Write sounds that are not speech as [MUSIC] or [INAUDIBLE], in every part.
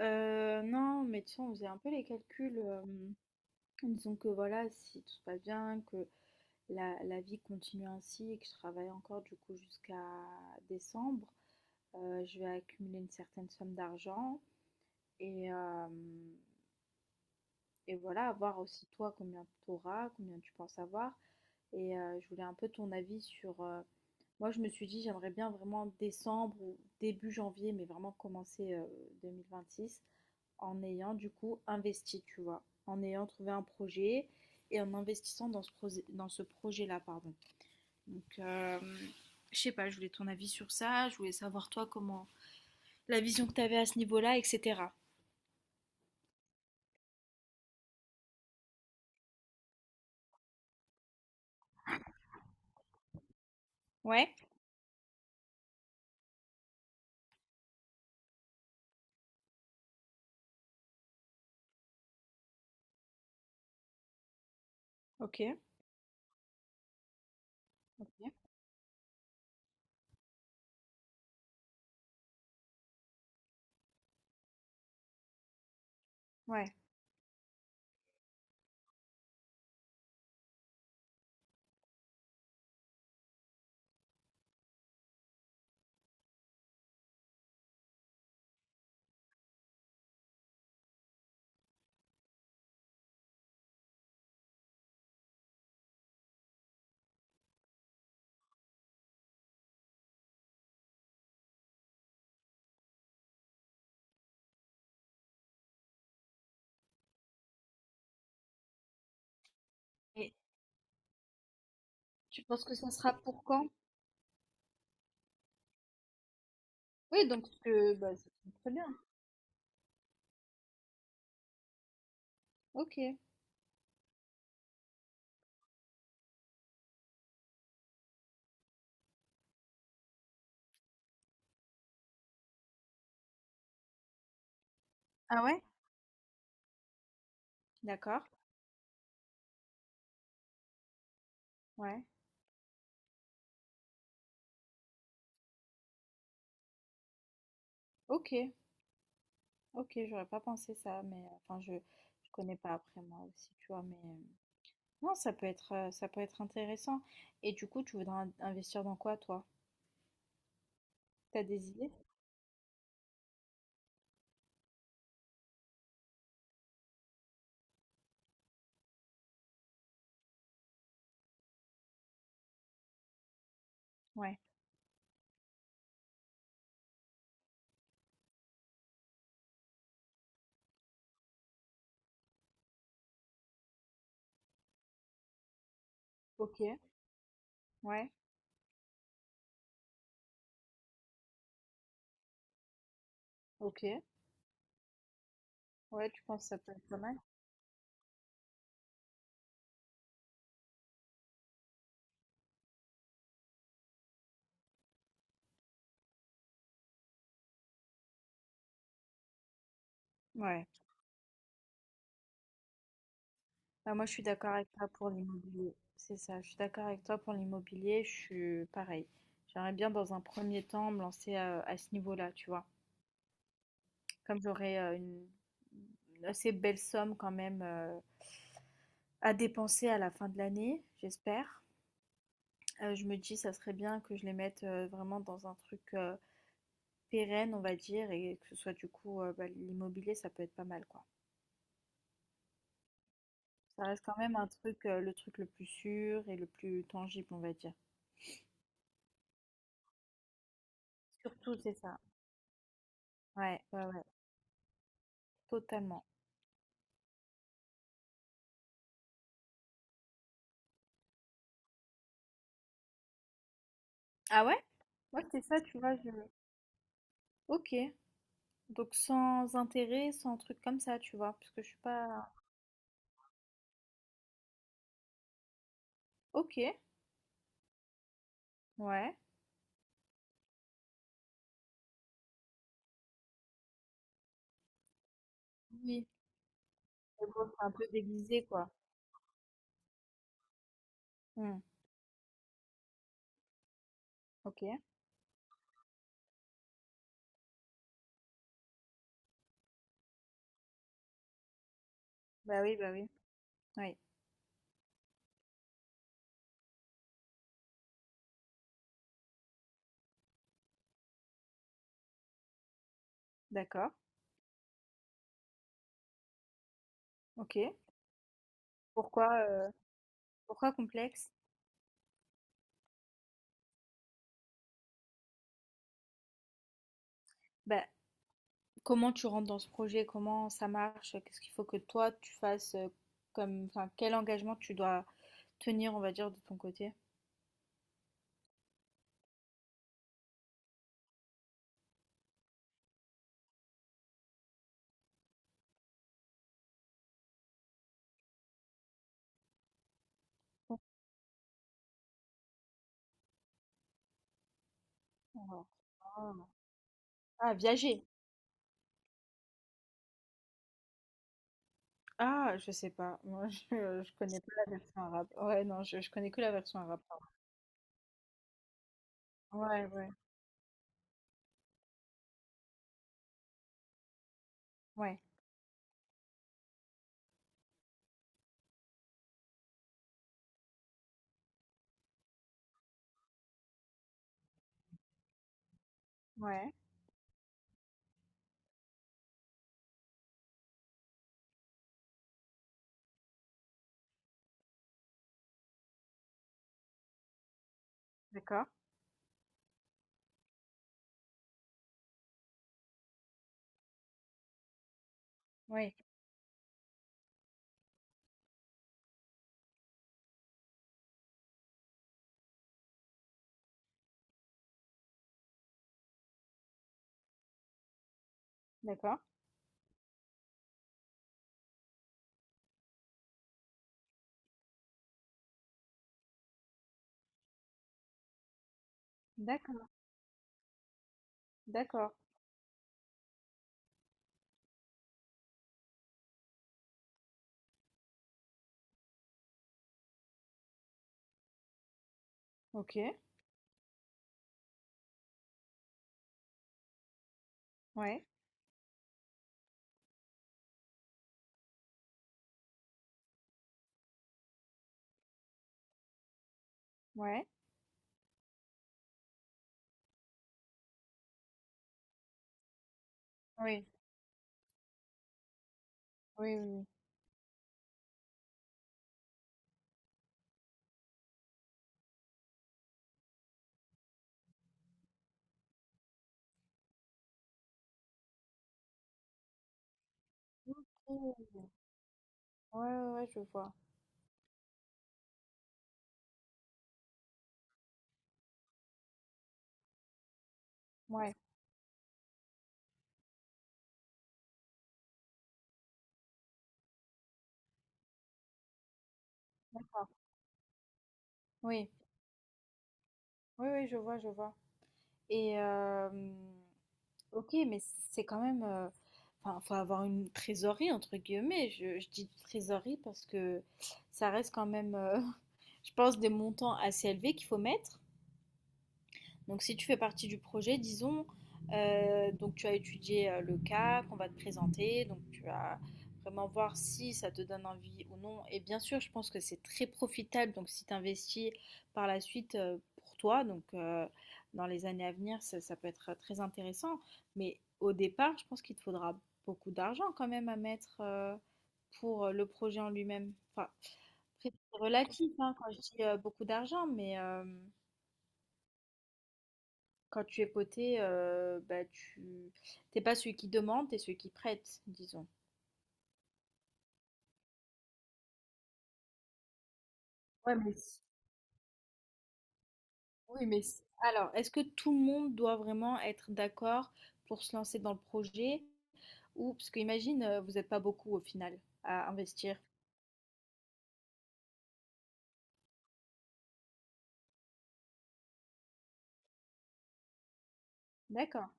Non, mais tu sais, on faisait un peu les calculs, en disant que voilà, si tout se passe bien, que la vie continue ainsi et que je travaille encore du coup jusqu'à décembre. Je vais accumuler une certaine somme d'argent et hem et voilà, voir aussi toi combien tu auras, combien tu penses avoir. Et je voulais un peu ton avis sur, moi je me suis dit: «J'aimerais bien vraiment décembre ou début janvier, mais vraiment commencer, 2026, en ayant du coup investi, tu vois, en ayant trouvé un projet et en investissant dans dans ce projet-là, pardon.» Donc, je sais pas, je voulais ton avis sur ça, je voulais savoir toi comment, la vision que tu avais à ce niveau-là, etc. Ouais, ok, ok, ouais. Et tu penses que ça sera pour quand? Oui, donc bah, c'est très bien. Ok. Ah ouais? D'accord, ouais, ok, ok, j'aurais pas pensé ça, mais enfin, je connais pas. Après moi aussi, tu vois, mais non, ça peut être intéressant. Et du coup, tu voudrais in investir dans quoi, toi? T'as des idées? Ouais. OK. Ouais. OK. Ouais, tu penses que ça peut être pas mal? Ouais. Bah, moi, je suis d'accord avec toi pour l'immobilier. C'est ça, je suis d'accord avec toi pour l'immobilier, je suis pareil. J'aimerais bien dans un premier temps me lancer, à ce niveau-là, tu vois? Comme j'aurais, une assez belle somme quand même, à dépenser à la fin de l'année, j'espère. Je me dis ça serait bien que je les mette, vraiment dans un truc, pérenne, on va dire, et que ce soit du coup, bah, l'immobilier, ça peut être pas mal, quoi. Ça reste quand même un truc, le truc le plus sûr et le plus tangible, on va dire. Surtout, c'est ça. Ouais, ouais, ouais, totalement. Ah ouais? Moi, c'est ça, tu vois, je OK, donc sans intérêt, sans truc comme ça, tu vois? Parce que je suis pas OK, ouais. Oui, mais bon, c'est un peu déguisé, quoi. Mmh. OK. Bah oui, bah oui. Oui, d'accord. OK. Pourquoi, pourquoi complexe? Bah comment tu rentres dans ce projet? Comment ça marche? Qu'est-ce qu'il faut que toi tu fasses comme, enfin, quel engagement tu dois tenir, on va dire, de ton côté? Ah, ah, viager. Ah, je sais pas. Moi, [LAUGHS] je connais pas la version arabe. Ouais, non, je connais que la version arabe, pardon. Ouais, ouais, ouais, ouais. D'accord. Oui, d'accord. D'accord, d'accord. Ok. Ouais, ouais. Oui, oui, oui. Oui. Ouais, ouais, ouais, je vois. Ouais, d'accord. Oui, oui, oui, je vois, je vois. Et ok, mais c'est quand même enfin, faut avoir une trésorerie, entre guillemets. Je dis trésorerie parce que ça reste quand même, [LAUGHS] je pense, des montants assez élevés qu'il faut mettre. Donc si tu fais partie du projet, disons, donc tu as étudié le cas qu'on va te présenter, donc tu vas vraiment voir si ça te donne envie ou non. Et bien sûr, je pense que c'est très profitable, donc si tu investis par la suite pour toi, donc dans les années à venir, ça peut être très intéressant. Mais au départ, je pense qu'il te faudra beaucoup d'argent quand même à mettre pour le projet en lui-même. Enfin, après, c'est relatif hein, quand je dis beaucoup d'argent, mais... quand tu es poté, bah, tu t'es pas celui qui demande, t'es celui qui prête, disons. Ouais, mais s Oui, mais s alors, est-ce que tout le monde doit vraiment être d'accord pour se lancer dans le projet? Ou parce qu'imagine, vous êtes pas beaucoup au final à investir. D'accord,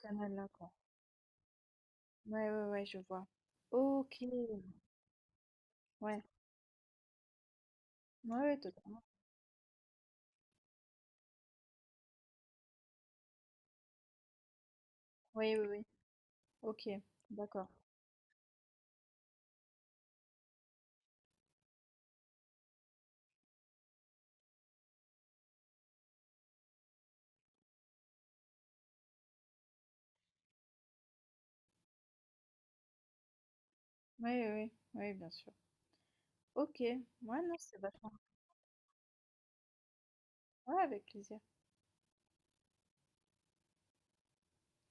canal là quoi. Ouais, ouais, ouais, je vois. OK. Ouais. Ouais, ouais, totalement. Oui, oui, oui. OK, d'accord. Oui, oui, oui, bien sûr. OK. Ouais, non, c'est vachement ouais, avec plaisir.